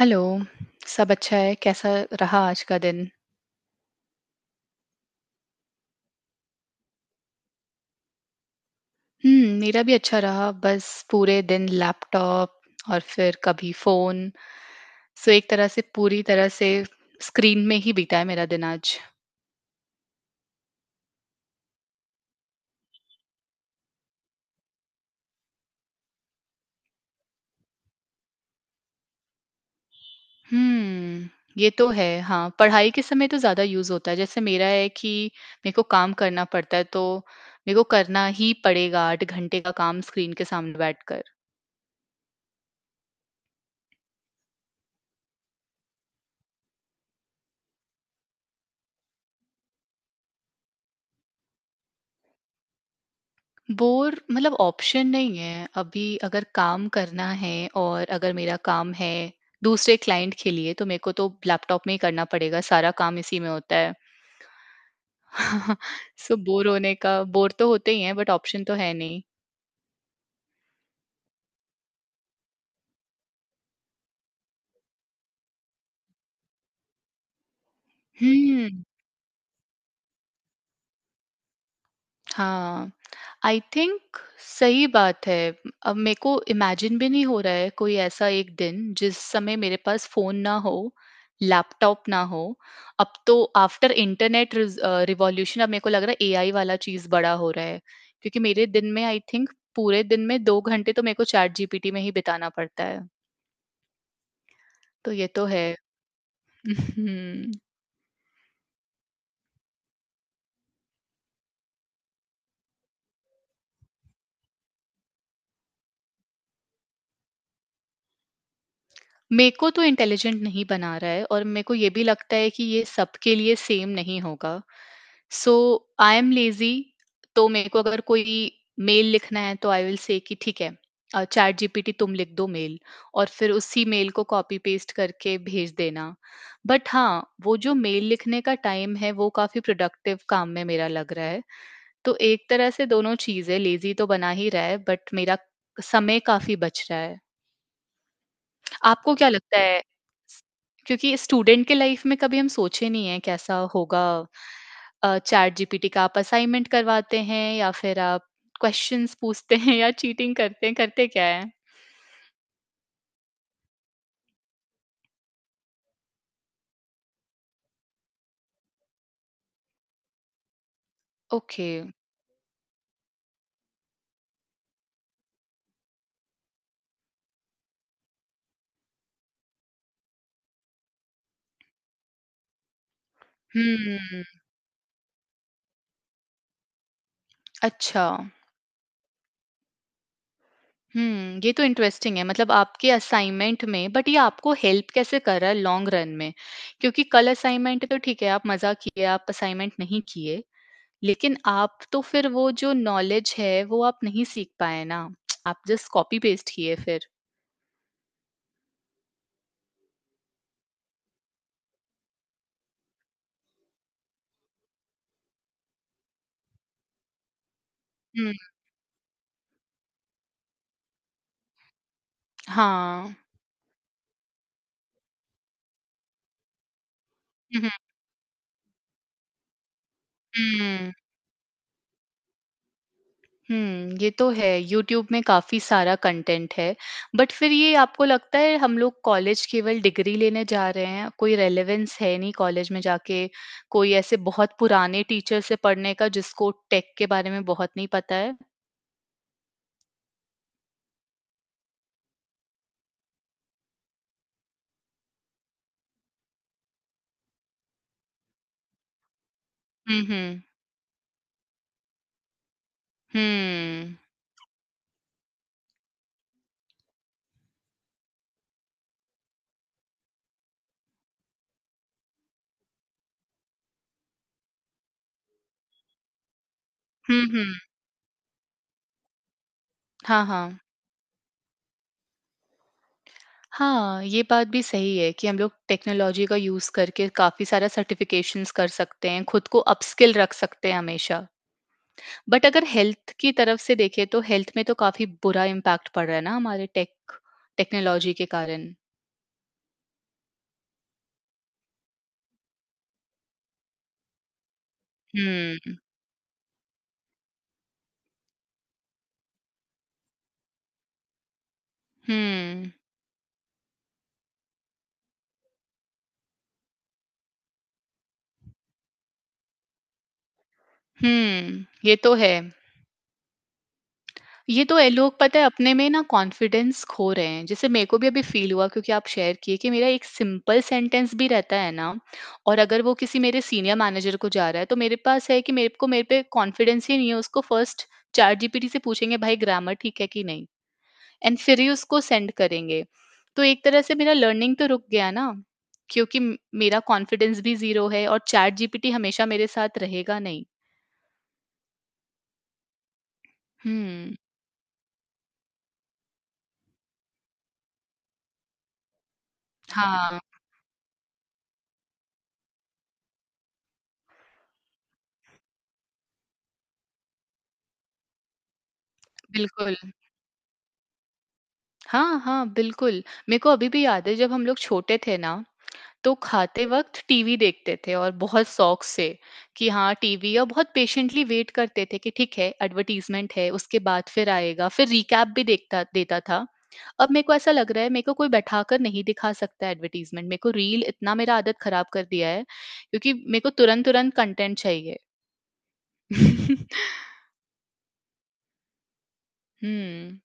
Hello, सब अच्छा है? कैसा रहा आज का दिन? हुँ, मेरा भी अच्छा रहा, बस पूरे दिन लैपटॉप और फिर कभी फ़ोन, सो एक तरह से पूरी तरह से स्क्रीन में ही बीता है मेरा दिन आज। हुँ, ये तो है, हाँ, पढ़ाई के समय तो ज़्यादा यूज़ होता है, जैसे मेरा है कि मेरे को काम करना पड़ता है, तो मेरे को करना ही पड़ेगा 8 घंटे का काम स्क्रीन के सामने बैठकर। बोर मतलब ऑप्शन नहीं है। अभी अगर काम करना है और अगर मेरा काम है दूसरे क्लाइंट के लिए तो मेरे को तो लैपटॉप में ही करना पड़ेगा, सारा काम इसी में होता है। सो बोर होने का बोर तो होते ही हैं बट ऑप्शन तो है नहीं। हुँ। हाँ, आई थिंक सही बात है। अब मेरे को इमेजिन भी नहीं हो रहा है कोई ऐसा एक दिन जिस समय मेरे पास फ़ोन ना हो, लैपटॉप ना हो। अब तो आफ्टर इंटरनेट रिवॉल्यूशन अब मेरे को लग रहा है एआई वाला चीज़ बड़ा हो रहा है। क्योंकि मेरे दिन में आई थिंक पूरे दिन में 2 घंटे तो मेरे को चैटजीपीटी में ही बिताना पड़ता है। तो ये तो है। हुँ। मेरे को तो इंटेलिजेंट नहीं बना रहा है और मेरे को ये भी लगता है कि ये सबके लिए सेम नहीं होगा। सो आई एम लेजी तो मेरे को अगर कोई मेल लिखना है तो आई विल से कि ठीक है चैट जीपीटी तुम लिख दो मेल और फिर उसी मेल को कॉपी पेस्ट करके भेज देना बट हाँ वो जो मेल लिखने का टाइम है वो काफी प्रोडक्टिव काम में मेरा लग रहा है तो एक तरह से दोनों चीजें लेजी तो बना ही रहा है बट मेरा समय काफी बच रहा है। आपको क्या लगता है स- क्योंकि स्टूडेंट के लाइफ में कभी हम सोचे नहीं है कैसा होगा चैट जीपीटी का? आप असाइनमेंट करवाते हैं या फिर आप क्वेश्चंस पूछते हैं या चीटिंग करते हैं, करते क्या है? ओके। हम्म। अच्छा। हम्म, ये तो इंटरेस्टिंग है, मतलब आपके असाइनमेंट में। बट ये आपको हेल्प कैसे कर रहा है लॉन्ग रन में? क्योंकि कल असाइनमेंट तो ठीक है, आप मजा किए, आप असाइनमेंट नहीं किए, लेकिन आप तो फिर वो जो नॉलेज है, वो आप नहीं सीख पाए ना। आप जस्ट कॉपी पेस्ट किए फिर। हुँ, हाँ। हुँ, हुँ, हुँ, हुँ, ये तो है, यूट्यूब में काफ़ी सारा कंटेंट है। बट फिर ये आपको लगता है हम लोग कॉलेज केवल डिग्री लेने जा रहे हैं, कोई रेलेवेंस है नहीं कॉलेज में जाके, कोई ऐसे बहुत पुराने टीचर से पढ़ने का जिसको टेक के बारे में बहुत नहीं पता है? हुँ, हुँ। हुँ। हुँ, हुँ। हाँ, हाँ। हाँ, ये बात भी सही है कि हम लोग टेक्नोलॉजी का यूज़ करके काफ़ी सारा सर्टिफ़िकेशंस कर सकते हैं, खुद को अपस्किल रख सकते हैं हमेशा। बट अगर हेल्थ की तरफ से देखें तो हेल्थ में तो काफ़ी बुरा इम्पैक्ट पड़ रहा है ना हमारे टेक्नोलॉजी के कारण। हुँ, हुँ, हुँ, ये तो है। ये तो लोग पता है अपने में ना कॉन्फिडेंस खो रहे हैं, जैसे मेरे को भी अभी फील हुआ क्योंकि आप शेयर किए कि मेरा एक सिंपल सेंटेंस भी रहता है ना और अगर वो किसी मेरे सीनियर मैनेजर को जा रहा है तो मेरे पास है कि मेरे को, मेरे पे कॉन्फिडेंस ही नहीं है, उसको फर्स्ट चैट जीपीटी से पूछेंगे भाई ग्रामर ठीक है कि नहीं, एंड फिर ही उसको सेंड करेंगे। तो एक तरह से मेरा लर्निंग तो रुक गया ना, क्योंकि मेरा कॉन्फिडेंस भी जीरो है और चैट जीपीटी हमेशा मेरे साथ रहेगा नहीं। हम्म। हाँ। बिल्कुल। हाँ, हाँ, बिल्कुल। मेरे को अभी भी याद है, जब हम लोग छोटे थे ना, तो खाते वक़्त टीवी देखते थे और बहुत शौक से कि हाँ टीवी, और बहुत पेशेंटली वेट करते थे कि ठीक है एडवर्टाइज़मेंट है, उसके बाद फिर आएगा। फिर रिकैप भी देखता देता था। अब मेरे को ऐसा लग रहा है मेरे को कोई बैठाकर नहीं दिखा सकता है एडवर्टाइज़मेंट। मेरे को रील इतना मेरा आदत ख़राब कर दिया है क्योंकि मेरे को तुरंत-तुरंत कंटेंट चाहिए। हुँ।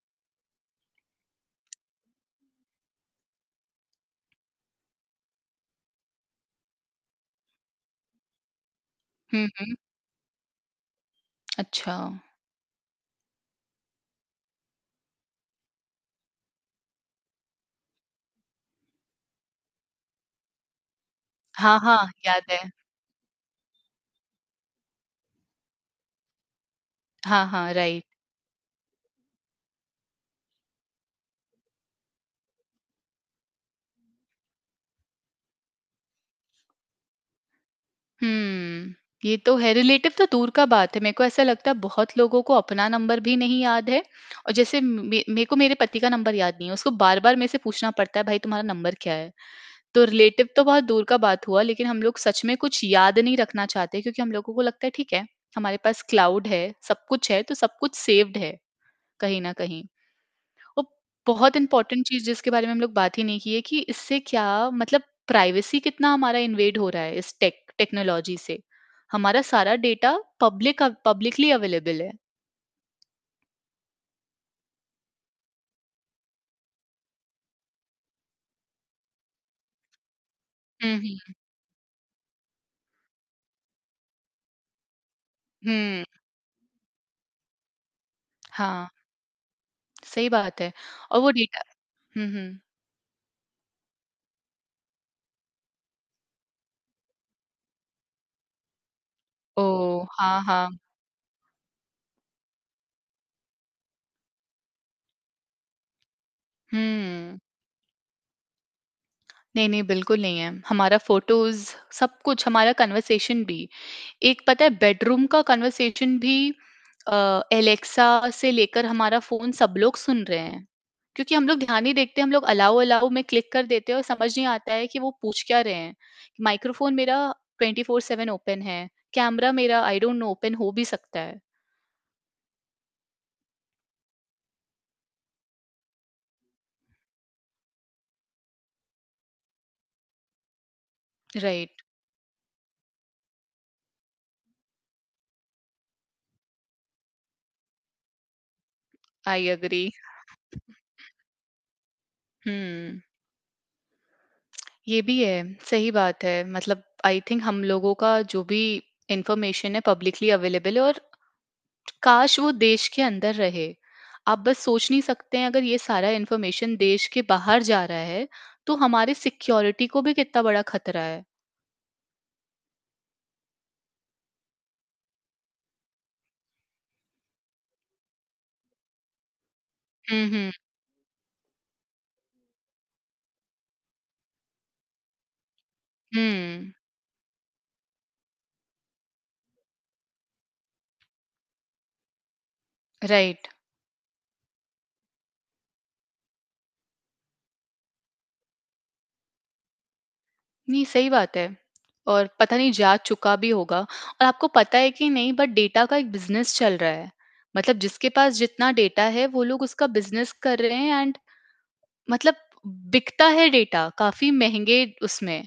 हुँ, हुँ। अच्छा। हाँ, हाँ, याद है। हाँ, हाँ, राइट। हम्म, ये तो है, रिलेटिव तो दूर का बात है। मेरे को ऐसा लगता है बहुत लोगों को अपना नंबर भी नहीं याद है, और जैसे मे मेरे को, मेरे पति का नंबर याद नहीं है। उसको बार-बार मेरे से पूछना पड़ता है भाई तुम्हारा नंबर क्या है? तो रिलेटिव तो बहुत दूर का बात हुआ, लेकिन हम लोग सच में कुछ याद नहीं रखना चाहते क्योंकि हम लोगों को लगता है ठीक है, हमारे पास क्लाउड है, सब कुछ है, तो सब कुछ सेव्ड है, कहीं न कहीं। तो बहुत इंपॉर्टेंट चीज़ जिसके बारे में हम लोग बात ही नहीं की है कि इससे क्या, मतलब प्राइवेसी कितना हमारा इन्वेड हो रहा है इस टेक्नोलॉजी से। हमारा सारा डेटा पब्लिकली अवेलेबल है। हुँ, हुँ। हुँ, हाँ, सही बात है। और वो डेटा, हुँ, हुँ। ओह! हाँ, हाँ। हुँ। नहीं, नहीं, बिल्कुल नहीं है। हमारा फ़ोटोज़, सब कुछ, हमारा कन्वर्सेशन भी। एक पता है बेडरूम का कन्वर्सेशन भी एलेक्सा से लेकर हमारा फ़ोन, सब लोग सुन रहे हैं। क्योंकि हम लोग ध्यान नहीं देखते, हम लोग अलाउ अलाउ में क्लिक कर देते हैं और समझ नहीं आता है कि वो पूछ क्या रहे हैं। माइक्रोफ़ोन मेरा 24/7 ओपन है, कैमरा मेरा आई डोंट नो ओपन हो भी सकता है। Right, I agree. हुँ, ये भी है, सही बात है। मतलब आई थिंक हम लोगों का जो भी इन्फॉर्मेशन है पब्लिकली अवेलेबल है, और काश वो देश के अंदर रहे। आप बस सोच नहीं सकते हैं, अगर ये सारा इन्फॉर्मेशन देश के बाहर जा रहा है, तो हमारे सिक्योरिटी को भी कितना बड़ा खतरा है। हुँ, हुँ, हुँ, राइट। नहीं, सही बात है, और पता नहीं जा चुका भी होगा और आपको पता है कि नहीं, बट डेटा का एक बिज़नेस चल रहा है। मतलब जिसके पास जितना डेटा है वो लोग उसका बिज़नेस कर रहे हैं, एंड मतलब बिकता है डेटा काफ़ी महँगे उसमें।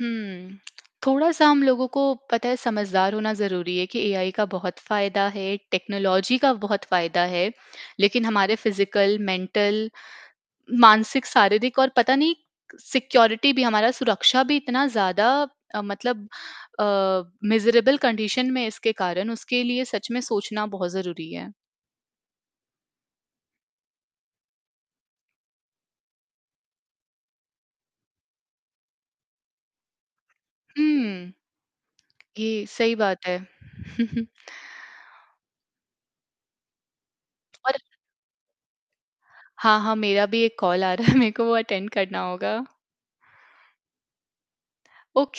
हुँ। थोड़ा-सा हम लोगों को पता है समझदार होना ज़रूरी है कि एआई का बहुत फ़ायदा है, टेक्नोलॉजी का बहुत फ़ायदा है, लेकिन हमारे फ़िज़िकल, मेंटल, मानसिक, शारीरिक और पता नहीं, सिक्योरिटी भी, हमारा सुरक्षा भी इतना ज़्यादा मतलब अ, मिज़रेबल कंडीशन में है इसके कारण, उसके लिए सच में सोचना बहुत ज़रूरी है। हुँ, ये सही बात है। और हाँ, हाँ, मेरा भी एक कॉल आ रहा है, मेरे को वो अटेंड करना होगा। ओके।